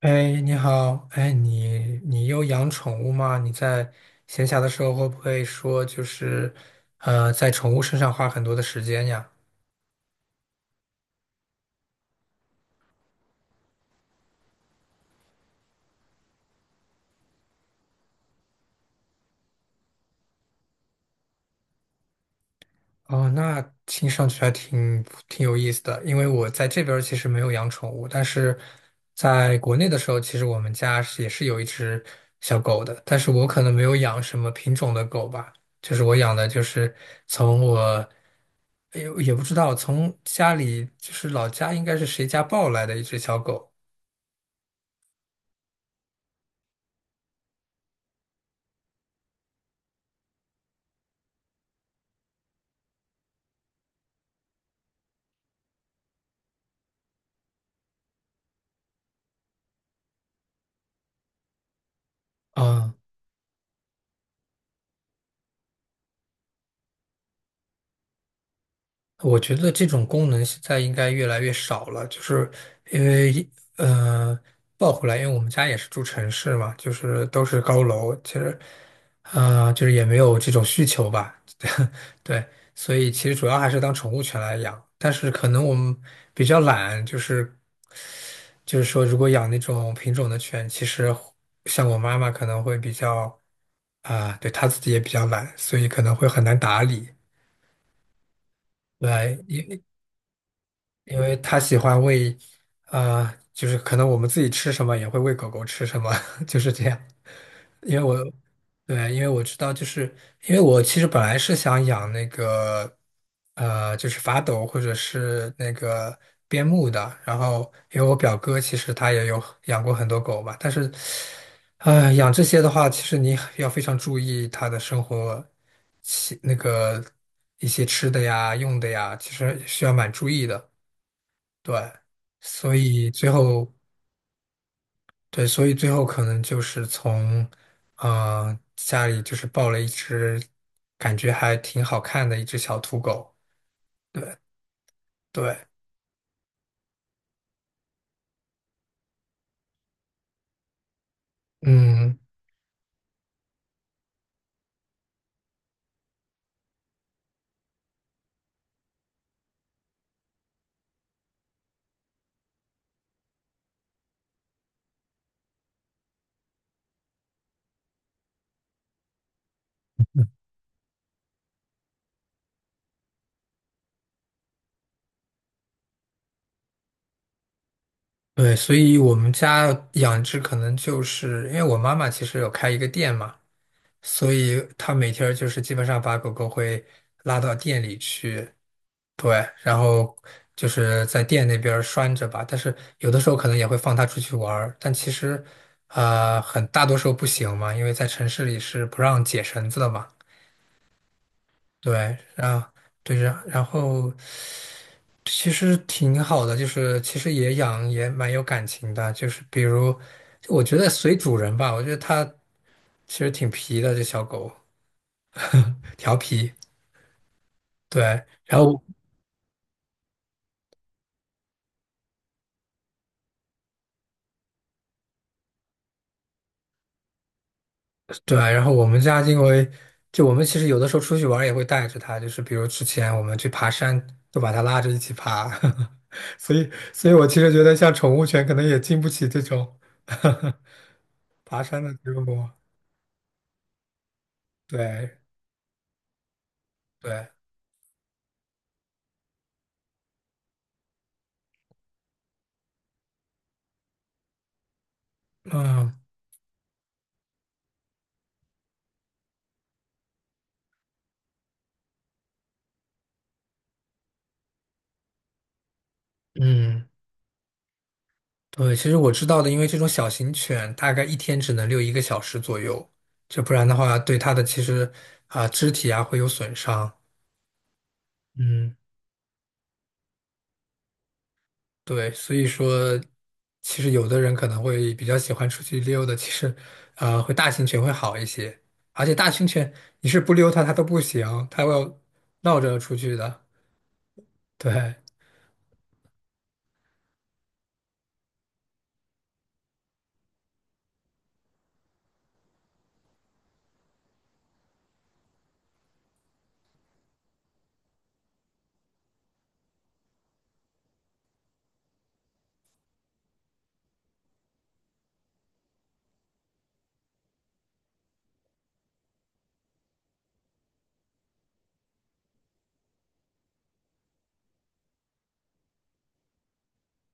哎，你好，哎，你有养宠物吗？你在闲暇的时候会不会说就是，在宠物身上花很多的时间呀？哦，那听上去还挺有意思的，因为我在这边儿其实没有养宠物，但是在国内的时候，其实我们家是也是有一只小狗的，但是我可能没有养什么品种的狗吧，就是我养的就是从我也不知道从家里就是老家应该是谁家抱来的一只小狗，我觉得这种功能现在应该越来越少了，就是因为呃，抱回来，因为我们家也是住城市嘛，就是都是高楼，其实啊、就是也没有这种需求吧，对，所以其实主要还是当宠物犬来养，但是可能我们比较懒，就是说，如果养那种品种的犬，其实像我妈妈可能会比较啊、对她自己也比较懒，所以可能会很难打理。对，因为他喜欢喂，就是可能我们自己吃什么也会喂狗狗吃什么，就是这样。因为我，对，因为我知道，就是因为我其实本来是想养那个，就是法斗或者是那个边牧的。然后，因为我表哥其实他也有养过很多狗嘛，但是，养这些的话，其实你要非常注意它的生活起，那个一些吃的呀、用的呀，其实需要蛮注意的。对，所以最后，对，所以最后可能就是从，家里就是抱了一只，感觉还挺好看的一只小土狗。对，嗯，对，所以我们家养只可能就是因为我妈妈其实有开一个店嘛，所以她每天儿就是基本上把狗狗会拉到店里去，对，然后就是在店那边儿拴着吧，但是有的时候可能也会放它出去玩儿，但其实，啊，很大多数不行嘛，因为在城市里是不让解绳子的嘛。对，然后对，然后其实挺好的，就是其实也养也蛮有感情的，就是比如，就我觉得随主人吧，我觉得它其实挺皮的，这小狗 调皮。对，然后。对，然后我们家因为就我们其实有的时候出去玩儿也会带着它，就是比如之前我们去爬山，都把它拉着一起爬，所以我其实觉得像宠物犬可能也经不起这种 爬山的折磨。对对，嗯嗯，对，其实我知道的，因为这种小型犬大概一天只能遛1个小时左右，就不然的话对它的其实啊、肢体啊会有损伤。嗯。对，所以说，其实有的人可能会比较喜欢出去溜的，其实，会大型犬会好一些。而且大型犬，你是不溜它，它都不行，它要闹着出去的。对，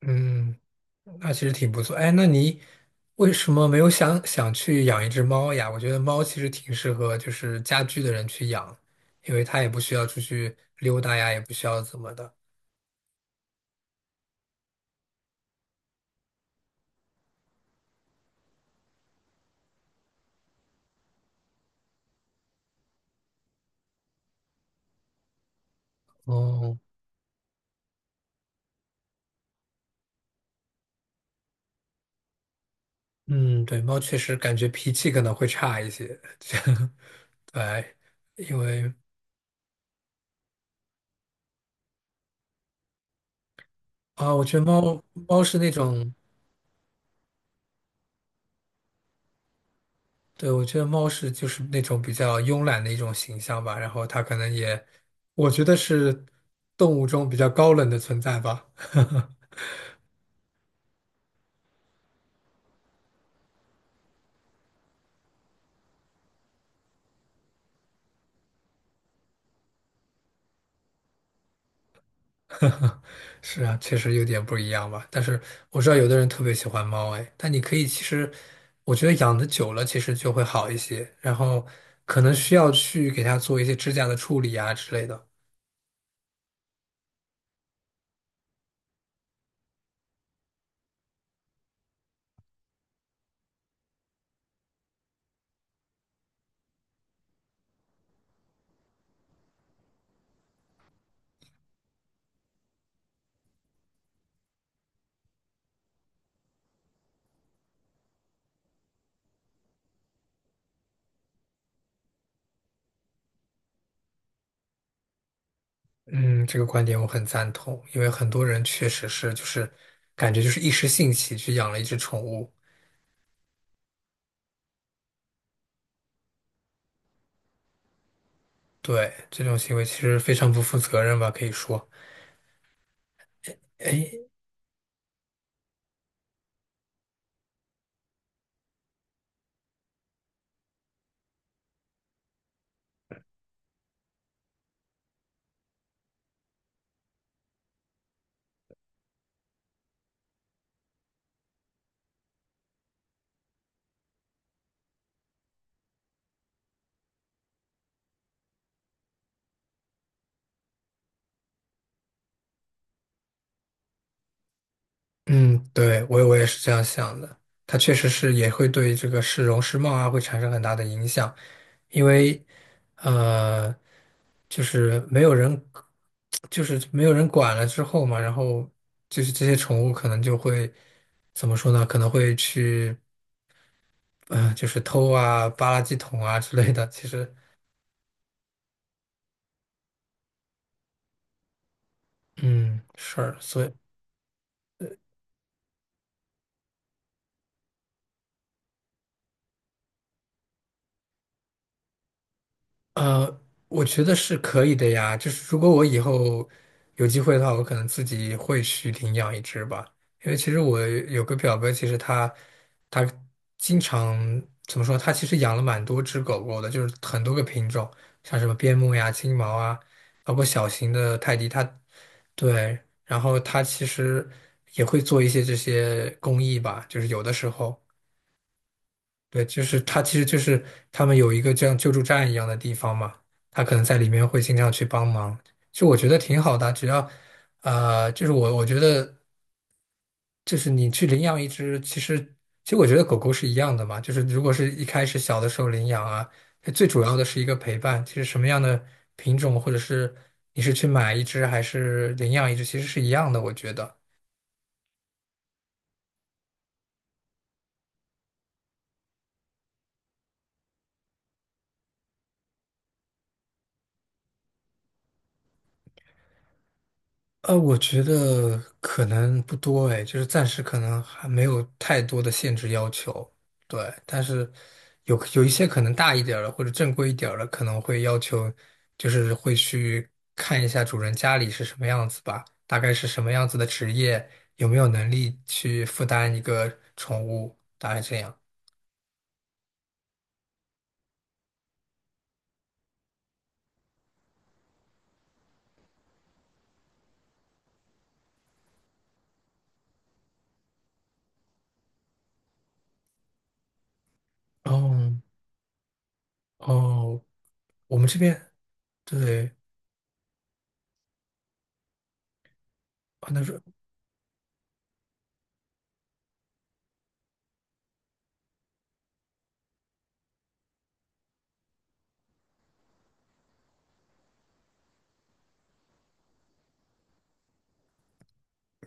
嗯，那其实挺不错。哎，那你为什么没有想想去养一只猫呀？我觉得猫其实挺适合就是家居的人去养，因为它也不需要出去溜达呀，也不需要怎么的。哦，嗯，对，猫确实感觉脾气可能会差一些，这样对，因为啊，我觉得猫是那种，对，我觉得猫是就是那种比较慵懒的一种形象吧，然后它可能也，我觉得是动物中比较高冷的存在吧，是啊，确实有点不一样吧。但是我知道有的人特别喜欢猫，哎，但你可以其实，我觉得养的久了其实就会好一些，然后可能需要去给它做一些指甲的处理啊之类的。嗯，这个观点我很赞同，因为很多人确实是就是感觉就是一时兴起去养了一只宠物，对，这种行为其实非常不负责任吧，可以说。哎，嗯，对，我也是这样想的，它确实是也会对这个市容市貌啊会产生很大的影响。因为呃，就是没有人，就是没有人管了之后嘛，然后就是这些宠物可能就会怎么说呢？可能会去，就是偷啊、扒垃圾桶啊之类的。其实，嗯，是，所以。呃，我觉得是可以的呀。就是如果我以后有机会的话，我可能自己会去领养一只吧。因为其实我有个表哥，其实他经常怎么说？他其实养了蛮多只狗狗的，就是很多个品种，像什么边牧呀、金毛啊，包括小型的泰迪。他对，然后他其实也会做一些这些公益吧，就是有的时候。对，就是他，其实就是他们有一个这样救助站一样的地方嘛，他可能在里面会经常去帮忙，就我觉得挺好的啊，只要，就是我觉得就是你去领养一只，其实我觉得狗狗是一样的嘛，就是如果是一开始小的时候领养啊，最主要的是一个陪伴，其实什么样的品种或者是你是去买一只还是领养一只，其实是一样的，我觉得。我觉得可能不多哎，就是暂时可能还没有太多的限制要求，对，但是有一些可能大一点儿的或者正规一点儿的，可能会要求，就是会去看一下主人家里是什么样子吧，大概是什么样子的职业，有没有能力去负担一个宠物，大概这样。哦哦，我们这边对，啊那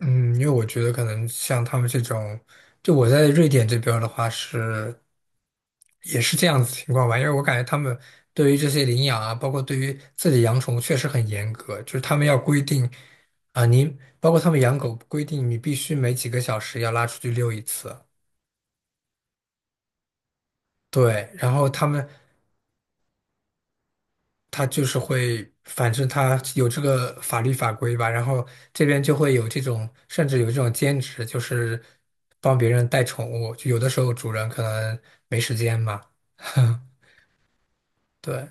嗯，因为我觉得可能像他们这种，就我在瑞典这边儿的话是也是这样子情况吧，因为我感觉他们对于这些领养啊，包括对于自己养宠物确实很严格，就是他们要规定啊，你包括他们养狗规定你必须每几个小时要拉出去遛一次，对，然后他们他就是会，反正他有这个法律法规吧，然后这边就会有这种，甚至有这种兼职，就是帮别人带宠物。就有的时候主人可能没时间嘛，对，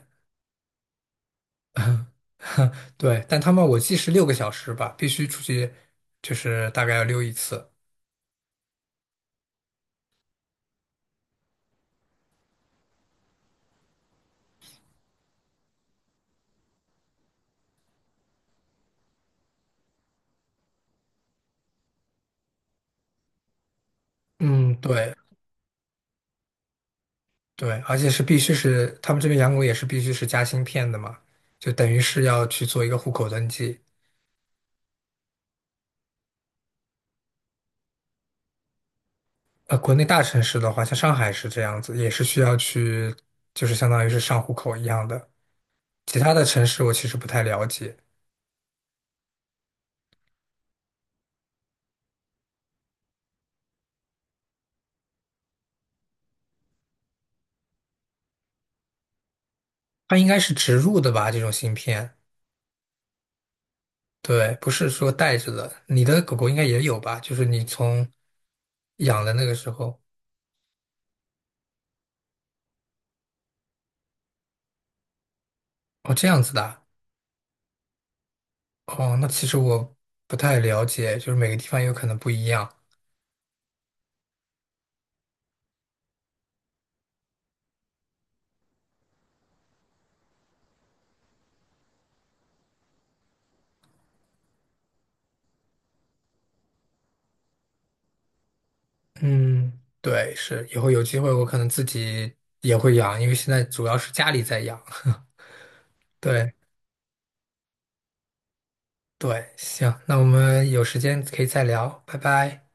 对，但他们我记是6个小时吧，必须出去，就是大概要溜一次。嗯，对对，而且是必须是他们这边养狗也是必须是加芯片的嘛，就等于是要去做一个户口登记。国内大城市的话，像上海是这样子，也是需要去，就是相当于是上户口一样的。其他的城市我其实不太了解，它应该是植入的吧，这种芯片，对，不是说带着的。你的狗狗应该也有吧？就是你从养的那个时候，哦，这样子的啊哦，那其实我不太了解，就是每个地方有可能不一样。嗯，对，是，以后有机会我可能自己也会养，因为现在主要是家里在养。对。对，行，那我们有时间可以再聊，拜拜。